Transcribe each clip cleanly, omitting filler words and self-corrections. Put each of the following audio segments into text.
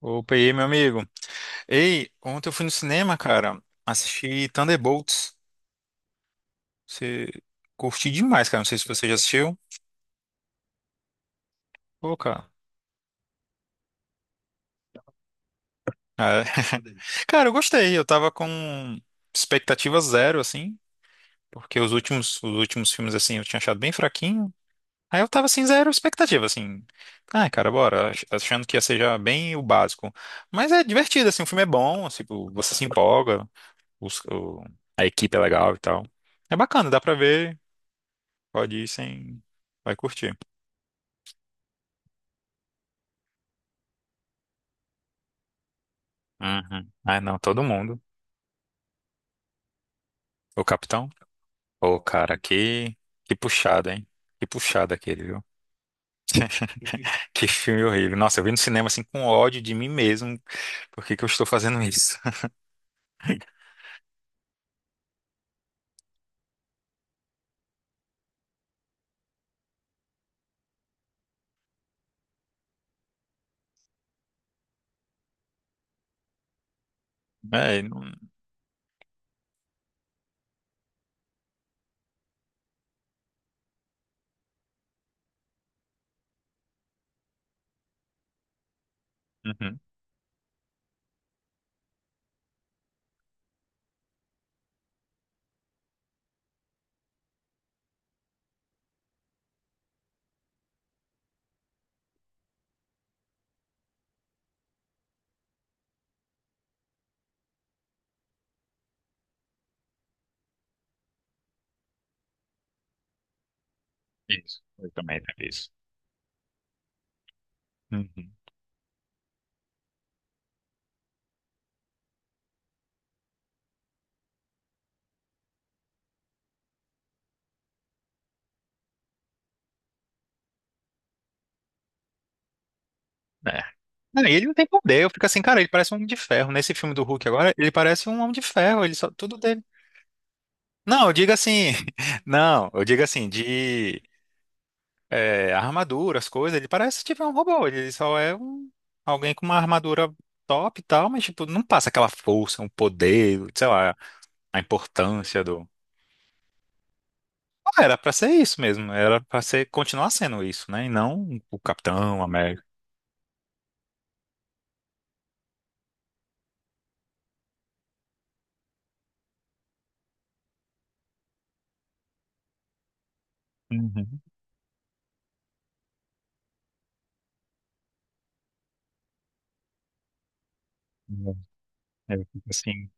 Opa, e aí, meu amigo? Ei, ontem eu fui no cinema, cara. Assisti Thunderbolts. Você curti demais, cara. Não sei se você já assistiu. Pô, cara. Ah, é. Cara, eu gostei. Eu tava com expectativa zero, assim. Porque os últimos filmes, assim, eu tinha achado bem fraquinho. Aí eu tava, assim, zero expectativa, assim. Ah, cara, bora. Achando que ia ser já bem o básico. Mas é divertido, assim. O filme é bom, assim, tipo, você se empolga. os- o- a equipe é legal e tal. É bacana, dá pra ver. Pode ir sem. Vai curtir. Uhum. Ah, não, todo mundo. O capitão? Ô, cara, que puxada, hein? Que puxada aquele, viu? Que filme horrível. Nossa, eu vi no cinema assim com ódio de mim mesmo. Por que que eu estou fazendo isso? É, não. Uhum. Isso, eu também vi isso. Uhum. É. Não, e ele não tem poder, eu fico assim, cara, ele parece um homem de ferro. Nesse filme do Hulk agora, ele parece um homem de ferro, ele só, tudo dele. Não, eu digo assim, não, eu digo assim, a armadura, as coisas. Ele parece tipo um robô. Ele só é um, alguém com uma armadura top e tal, mas tipo, não passa aquela força, um poder, sei lá, a importância do. Ah, era pra ser isso mesmo. Era pra ser continuar sendo isso, né? E não o Capitão América. Uhum. É, eu fico assim.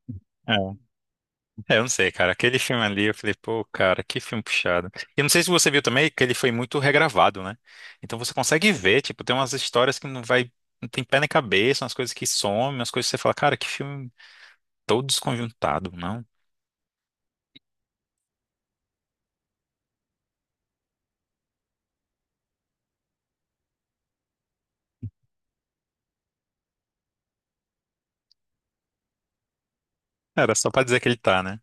É, eu não sei, cara. Aquele filme ali, eu falei, pô, cara, que filme puxado. E eu não sei se você viu também que ele foi muito regravado, né? Então você consegue ver, tipo, tem umas histórias que não vai, não tem pé nem cabeça, umas coisas que somem, umas coisas que você fala, cara, que filme todo desconjuntado, não? Era só pra dizer que ele tá, né?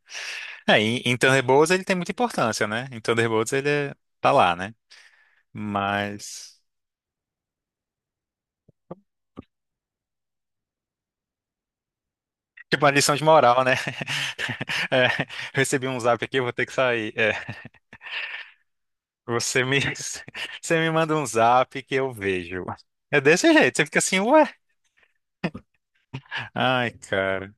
É, em Thunderbolts ele tem muita importância, né? Em Thunderbolts ele tá lá, né? Mas, tipo, uma lição de moral, né? É, recebi um zap aqui, eu vou ter que sair. É, você me, você me manda um zap que eu vejo. É desse jeito, você fica assim, ué. Ai, cara,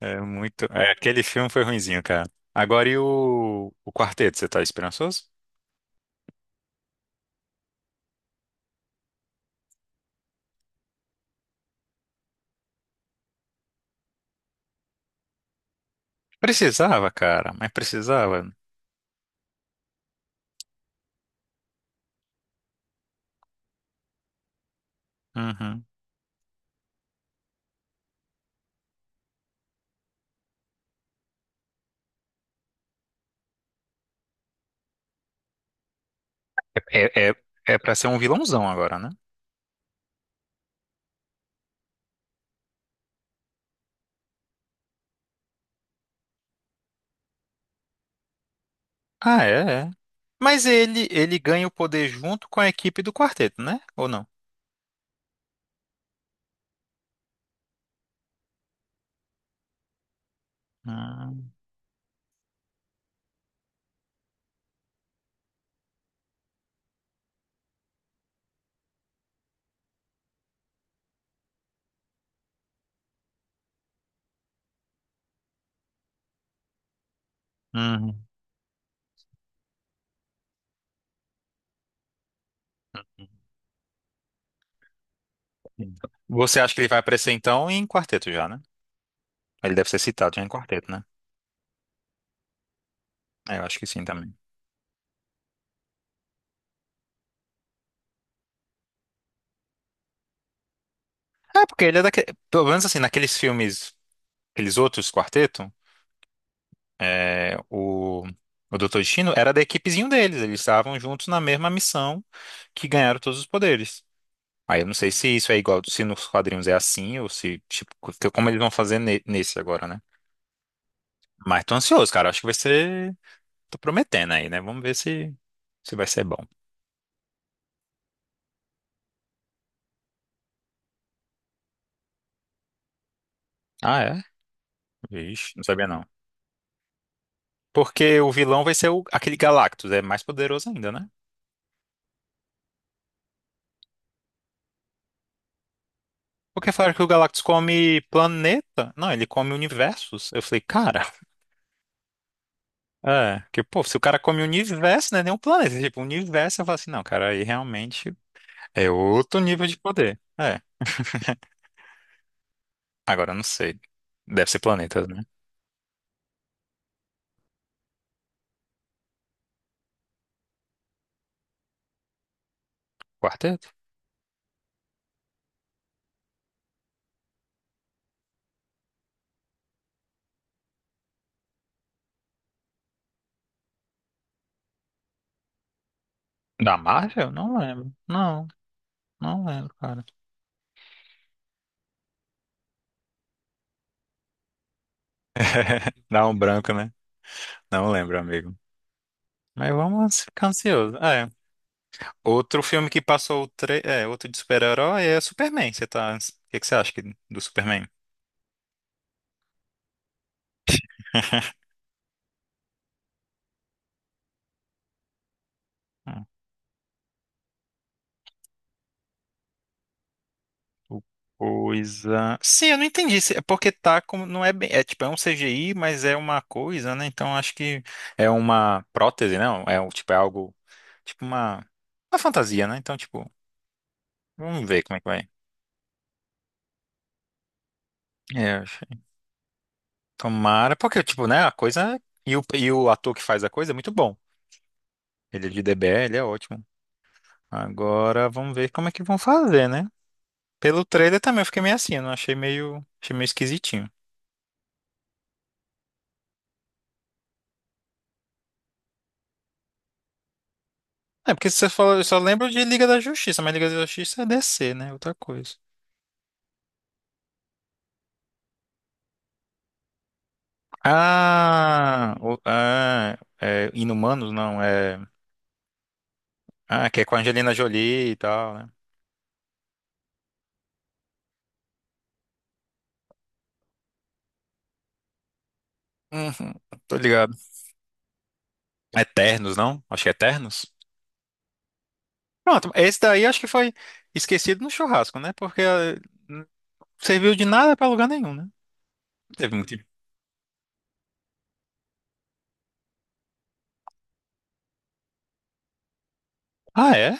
é muito. Aquele filme foi ruinzinho, cara. Agora e o quarteto, você tá esperançoso? Precisava, cara, mas precisava. Uhum. É, é, é pra ser um vilãozão agora, né? Ah, é, é. Mas ele, ganha o poder junto com a equipe do quarteto, né? Ou não? Hum, uhum. Você acha que ele vai aparecer então em quarteto já, né? Ele deve ser citado já em quarteto, né? É, eu acho que sim também. É, porque ele é daquele. Pelo menos assim, naqueles filmes, aqueles outros quarteto, é, o Doutor Destino era da equipezinho deles. Eles estavam juntos na mesma missão que ganharam todos os poderes. Aí eu não sei se isso é igual, se nos quadrinhos é assim, ou se, tipo, como eles vão fazer nesse agora, né? Mas tô ansioso, cara. Acho que vai ser. Tô prometendo aí, né? Vamos ver se vai ser bom. Ah, é? Vixe, não sabia não. Porque o vilão vai ser aquele Galactus, é mais poderoso ainda, né? Porque falaram que o Galactus come planeta? Não, ele come universos. Eu falei, cara, é, que pô, se o cara come universo, não é nem um planeta. Tipo, universo, eu falo assim, não, cara, aí realmente é outro nível de poder. É, agora eu não sei. Deve ser planetas, né? Quarteto? Da Marvel? Não lembro. Não, não lembro, cara. Dá um branco, né? Não lembro, amigo. Mas vamos ficar ansioso. É, outro filme que passou, outro de super-herói é Superman. Você tá... O que que você acha do Superman? Hum. O Coisa. Sim, eu não entendi. É porque tá como. Não é bem. É tipo, é um CGI, mas é uma coisa, né? Então acho que é uma prótese, não? É tipo, é algo. Tipo uma. Uma fantasia, né? Então, tipo, vamos ver como é que vai. É, eu achei. Tomara. Porque, tipo, né? A coisa. e o, ator que faz a coisa é muito bom. Ele é de DBL, ele é ótimo. Agora vamos ver como é que vão fazer, né? Pelo trailer também eu fiquei meio assim, eu não achei meio. Achei meio esquisitinho. É, porque você falou, eu só lembro de Liga da Justiça, mas Liga da Justiça é DC, né? Outra coisa. Ah, é Inumanos, não, é. Ah, que é com a Angelina Jolie e tal, né? Uhum, tô ligado. Eternos, não? Acho que é Eternos. Pronto, esse daí acho que foi esquecido no churrasco, né? Porque não serviu de nada pra lugar nenhum, né? Não teve muito. Ah, é?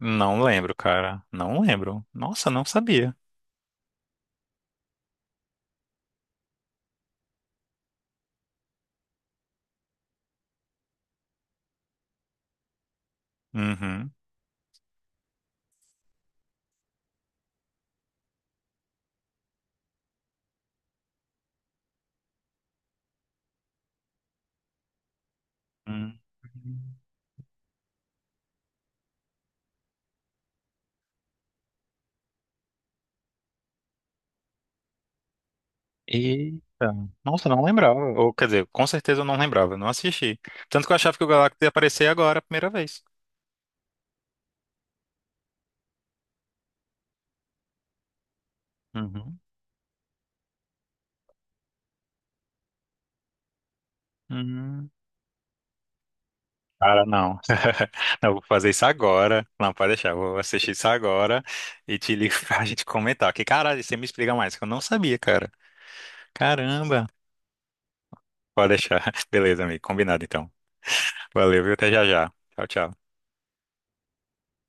Não lembro, cara. Não lembro. Nossa, não sabia. Uhum. Hum. Eita, nossa, não lembrava. Ou, quer dizer, com certeza eu não lembrava, eu não assisti. Tanto que eu achava que o Galactus ia aparecer agora, a primeira vez. Uhum. Uhum. Cara, não. Não, eu vou fazer isso agora. Não, pode deixar, eu vou assistir isso agora e te ligo pra gente comentar. Que caralho, você me explica mais, que eu não sabia, cara. Caramba. Pode deixar. Beleza, amigo, combinado então. Valeu, viu? Até já já. Tchau, tchau.